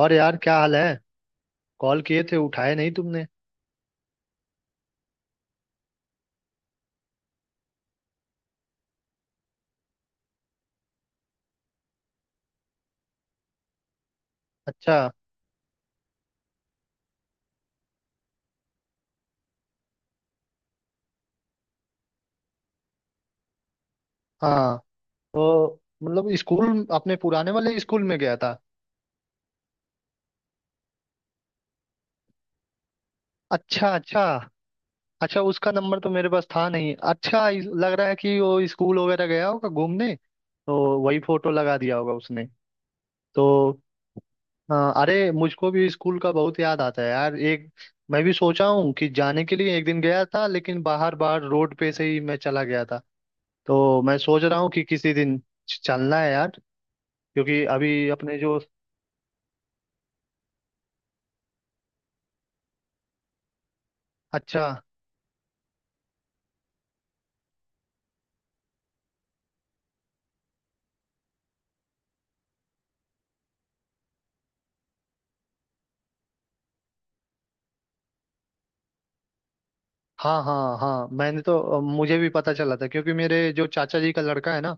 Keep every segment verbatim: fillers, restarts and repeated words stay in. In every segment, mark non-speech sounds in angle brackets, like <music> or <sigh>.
और यार क्या हाल है? कॉल किए थे उठाए नहीं तुमने। अच्छा। हाँ तो मतलब स्कूल अपने पुराने वाले स्कूल में गया था। अच्छा अच्छा। अच्छा उसका नंबर तो मेरे पास था नहीं। अच्छा इस- लग रहा है कि वो स्कूल वगैरह गया होगा घूमने तो वही फोटो लगा दिया होगा उसने। तो हाँ अरे मुझको भी स्कूल का बहुत याद आता है यार। एक मैं भी सोचा हूँ कि जाने के लिए एक दिन गया था लेकिन बाहर बाहर रोड पे से ही मैं चला गया था। तो मैं सोच रहा हूँ कि किसी दिन च- चलना है यार। क्योंकि अभी अपने जो अच्छा हाँ हाँ हाँ मैंने तो अ, मुझे भी पता चला था क्योंकि मेरे जो चाचा जी का लड़का है ना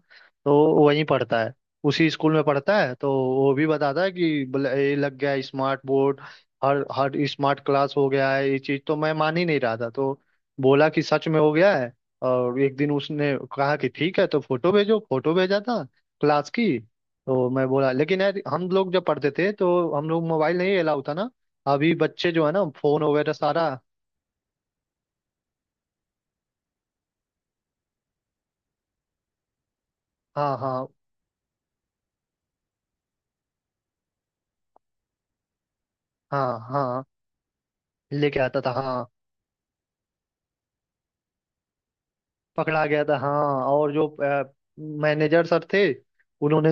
तो वो वहीं पढ़ता है। उसी स्कूल में पढ़ता है तो वो भी बताता है कि बोले, ये लग गया है स्मार्ट बोर्ड। हर हर स्मार्ट क्लास हो गया है। ये चीज़ तो मैं मान ही नहीं रहा था तो बोला कि सच में हो गया है। और एक दिन उसने कहा कि ठीक है तो फोटो भेजो। फोटो भेजा था क्लास की। तो मैं बोला लेकिन यार हम लोग जब पढ़ते थे तो हम लोग मोबाइल नहीं अलाउ था ना। अभी बच्चे जो है ना फोन वगैरह सारा। हाँ हाँ हाँ। हाँ लेके आता था हाँ। पकड़ा गया था हाँ। और जो मैनेजर सर थे उन्होंने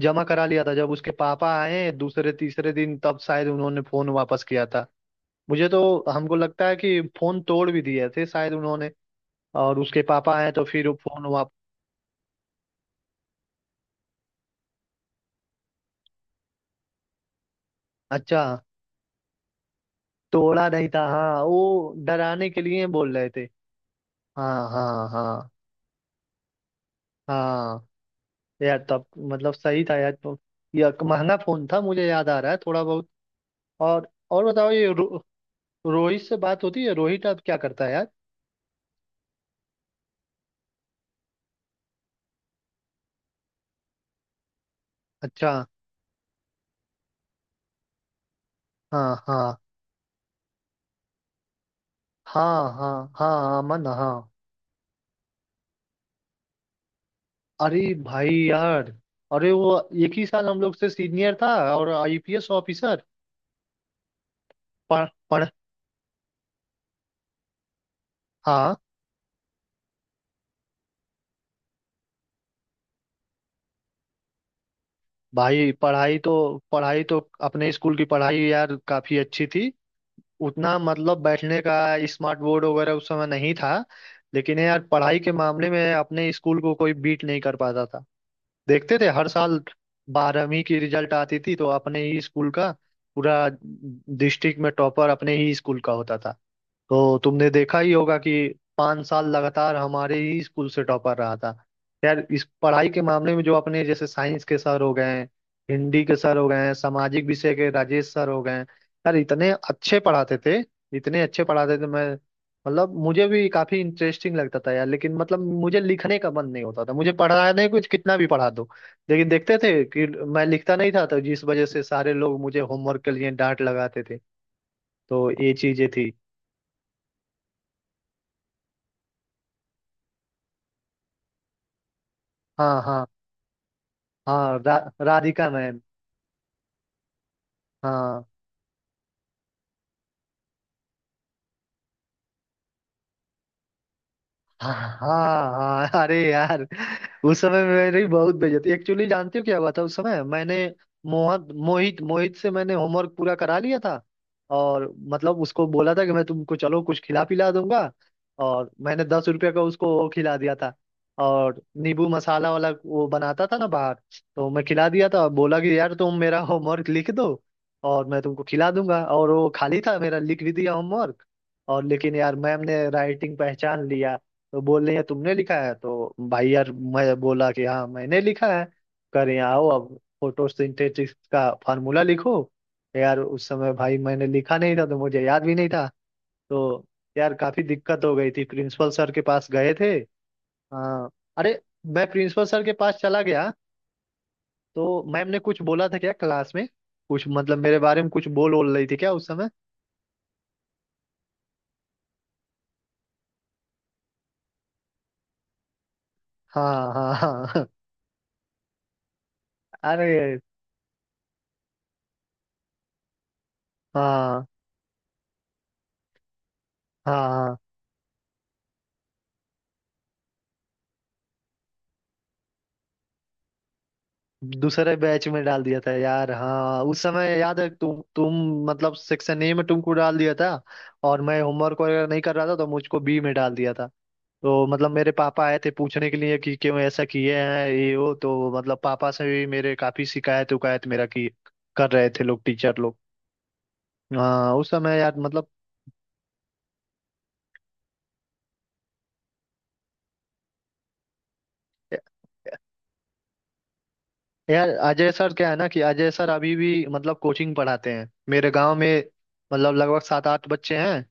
जमा करा लिया था। जब उसके पापा आए दूसरे तीसरे दिन तब शायद उन्होंने फोन वापस किया था। मुझे तो हमको लगता है कि फोन तोड़ भी दिए थे शायद उन्होंने। और उसके पापा आए तो फिर वो फोन वापस। अच्छा तोड़ा नहीं था हाँ वो डराने के लिए बोल रहे थे। हाँ हाँ हाँ। हाँ यार तब मतलब सही था यार तो यह महंगा फोन था मुझे याद आ रहा है थोड़ा बहुत। और और बताओ ये रो, रोहित से बात होती है? रोहित अब क्या करता है यार? अच्छा। हाँ हाँ। हाँ हाँ हाँ अमन हाँ। अरे भाई यार अरे वो एक ही साल हम लोग से सीनियर था। और आईपीएस ऑफिसर। पढ़ पढ़ हाँ। भाई पढ़ाई तो पढ़ाई तो अपने स्कूल की पढ़ाई यार काफी अच्छी थी। उतना मतलब बैठने का स्मार्ट बोर्ड वगैरह उस समय नहीं था। लेकिन यार पढ़ाई के मामले में अपने स्कूल को कोई बीट नहीं कर पाता था। देखते थे हर साल बारहवीं की रिजल्ट आती थी तो अपने ही स्कूल का पूरा डिस्ट्रिक्ट में टॉपर अपने ही स्कूल का होता था। तो तुमने देखा ही होगा कि पांच साल लगातार हमारे ही स्कूल से टॉपर रहा था। यार इस पढ़ाई के मामले में जो अपने जैसे साइंस के सर हो गए हैं, हिंदी के सर हो गए हैं, सामाजिक विषय के राजेश सर हो गए हैं, यार इतने अच्छे पढ़ाते थे। इतने अच्छे पढ़ाते थे। मैं मतलब मुझे भी काफी इंटरेस्टिंग लगता था यार। लेकिन मतलब मुझे लिखने का मन नहीं होता था। मुझे पढ़ाने कुछ कितना भी पढ़ा दो लेकिन देखते थे कि मैं लिखता नहीं था तो जिस वजह से सारे लोग मुझे होमवर्क के लिए डांट लगाते थे। तो ये चीजें थी। हाँ हाँ हाँ रा, राधिका मैम। हाँ हाँ हाँ। अरे यार उस समय मेरी बहुत बेइज्जती। एक्चुअली जानती हो क्या हुआ था? उस समय मैंने मोहन मोहित मोहित से मैंने होमवर्क पूरा करा लिया था। और मतलब उसको बोला था कि मैं तुमको चलो कुछ खिला पिला दूंगा। और मैंने दस रुपये का उसको वो खिला दिया था। और नींबू मसाला वाला वो बनाता था ना बाहर। तो मैं खिला दिया था और बोला कि यार तुम मेरा होमवर्क लिख दो और मैं तुमको खिला दूंगा। और वो खाली था मेरा लिख भी दिया होमवर्क। और लेकिन यार मैम ने राइटिंग पहचान लिया। तो बोल रही है तुमने लिखा है तो भाई यार मैं बोला कि हाँ मैंने लिखा है। कर यहाँ आओ अब। फोटोसिंथेसिस का फार्मूला लिखो। यार उस समय भाई मैंने लिखा नहीं था तो मुझे याद भी नहीं था। तो यार काफी दिक्कत हो गई थी। प्रिंसिपल सर के पास गए थे हाँ। अरे मैं प्रिंसिपल सर के पास चला गया। तो मैम ने कुछ बोला था क्या क्लास में? कुछ मतलब मेरे बारे में कुछ बोल बोल रही थी क्या उस समय? हाँ हाँ हाँ। <laughs> अरे हाँ हाँ हाँ। दूसरे बैच में डाल दिया था यार हाँ। उस समय याद है तुम तुम मतलब सेक्शन ए में तुमको डाल दिया था। और मैं होमवर्क वगैरह नहीं कर रहा था तो मुझको बी में डाल दिया था। तो मतलब मेरे पापा आए थे पूछने के लिए कि क्यों ऐसा किए हैं ये वो। तो मतलब पापा से भी मेरे काफी शिकायत उकायत मेरा की कर रहे थे लोग टीचर लोग। हाँ उस समय यार मतलब। यार अजय सर क्या है ना कि अजय सर अभी भी मतलब कोचिंग पढ़ाते हैं मेरे गांव में। मतलब लगभग सात आठ बच्चे हैं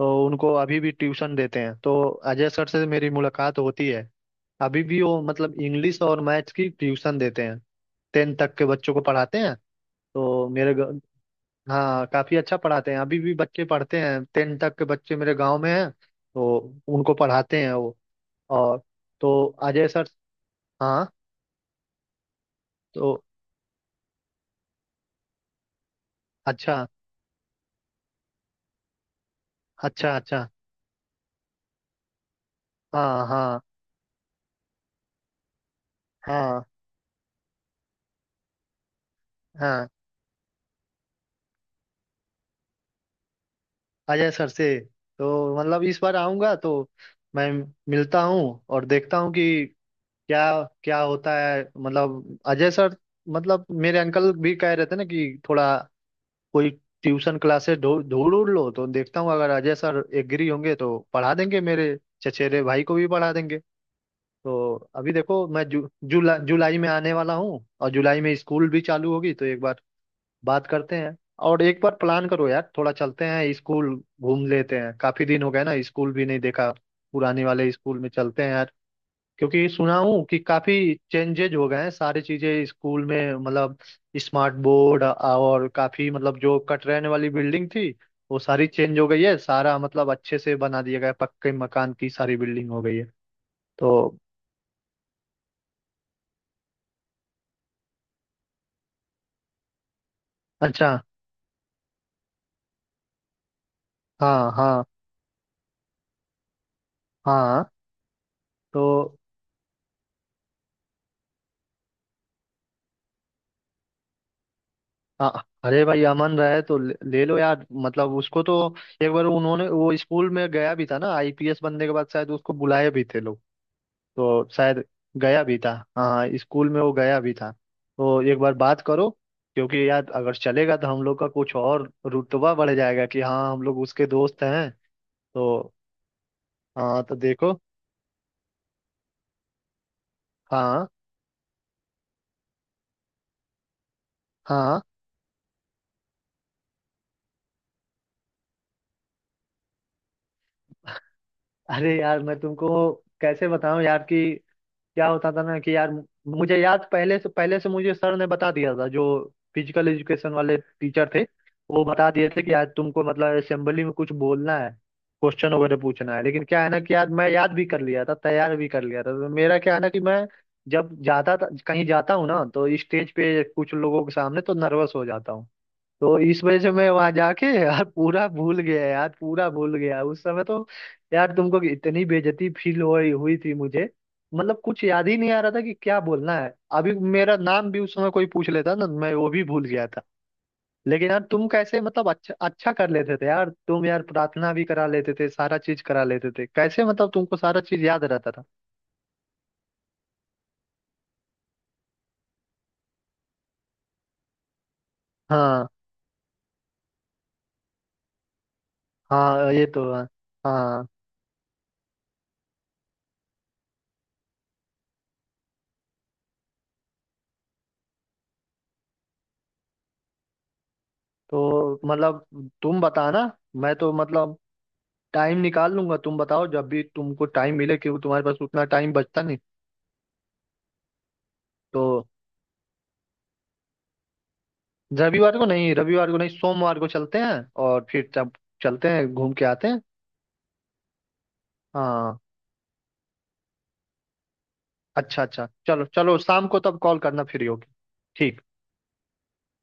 तो उनको अभी भी ट्यूशन देते हैं तो अजय सर से मेरी मुलाकात होती है। अभी भी वो मतलब इंग्लिश और मैथ्स की ट्यूशन देते हैं। टेंथ तक के बच्चों को पढ़ाते हैं। तो मेरे ग- हाँ काफी अच्छा पढ़ाते हैं अभी भी। बच्चे पढ़ते हैं टेंथ तक के बच्चे मेरे गांव में हैं तो उनको पढ़ाते हैं वो। और तो अजय सर हाँ तो अच्छा अच्छा। अच्छा हाँ हाँ हाँ हाँ अजय सर से तो मतलब इस बार आऊंगा तो मैं मिलता हूँ। और देखता हूँ कि क्या क्या होता है मतलब अजय सर। मतलब मेरे अंकल भी कह रहे थे ना कि थोड़ा कोई ट्यूशन क्लासेस ढूंढ ढूंढ लो तो देखता हूँ अगर अजय सर एग्री होंगे तो पढ़ा देंगे। मेरे चचेरे भाई को भी पढ़ा देंगे। तो अभी देखो मैं जु, जुला, जुलाई में आने वाला हूँ और जुलाई में स्कूल भी चालू होगी तो एक बार बात करते हैं। और एक बार प्लान करो यार थोड़ा चलते हैं स्कूल घूम लेते हैं। काफी दिन हो गए ना स्कूल भी नहीं देखा। पुराने वाले स्कूल में चलते हैं यार। क्योंकि सुना हूँ कि काफी चेंजेज हो गए हैं सारी चीजें स्कूल में मतलब स्मार्ट बोर्ड और काफी मतलब जो कटरैन वाली बिल्डिंग थी वो सारी चेंज हो गई है। सारा मतलब अच्छे से बना दिया गया है, पक्के मकान की सारी बिल्डिंग हो गई है। तो अच्छा। हाँ हाँ हाँ। तो हाँ, अरे भाई अमन रहे तो ले, ले लो यार मतलब उसको तो एक बार उन्होंने वो स्कूल में गया भी था ना आईपीएस बनने के बाद शायद उसको बुलाए भी थे लोग। तो शायद गया भी था हाँ हाँ। स्कूल में वो गया भी था तो एक बार बात करो। क्योंकि यार अगर चलेगा तो हम लोग का कुछ और रुतबा बढ़ जाएगा कि हाँ हम लोग उसके दोस्त हैं। तो हाँ तो देखो हाँ हाँ अरे यार मैं तुमको कैसे बताऊं यार कि क्या होता था ना कि यार मुझे याद पहले से पहले से मुझे सर ने बता दिया था जो फिजिकल एजुकेशन वाले टीचर थे। वो बता दिए थे कि यार तुमको मतलब असेंबली में कुछ बोलना है क्वेश्चन वगैरह पूछना है। लेकिन क्या है ना कि यार मैं याद भी कर लिया था तैयार भी कर लिया था तो मेरा क्या है ना कि मैं जब जाता था कहीं जाता हूँ ना तो स्टेज पे कुछ लोगों के सामने तो नर्वस हो जाता हूँ। तो इस वजह से मैं वहां जाके यार पूरा भूल गया यार पूरा भूल गया उस समय तो। यार तुमको इतनी बेइज्जती फील हो हुई थी मुझे। मतलब कुछ याद ही नहीं आ रहा था कि क्या बोलना है। अभी मेरा नाम भी उस समय कोई पूछ लेता ना मैं वो भी भूल गया था। लेकिन यार तुम कैसे मतलब अच्छा अच्छा कर लेते थे यार तुम यार प्रार्थना भी करा लेते थे सारा चीज करा लेते थे कैसे मतलब तुमको सारा चीज याद रहता था। हाँ हाँ ये तो है। हाँ तो मतलब तुम बताना। मैं तो मतलब टाइम निकाल लूंगा। तुम बताओ जब भी तुमको टाइम मिले क्योंकि तुम्हारे पास उतना टाइम बचता नहीं। तो रविवार को नहीं रविवार को नहीं सोमवार को चलते हैं। और फिर तब चलते हैं घूम के आते हैं। हाँ अच्छा अच्छा चलो चलो शाम को तब कॉल करना फ्री होगी। ठीक।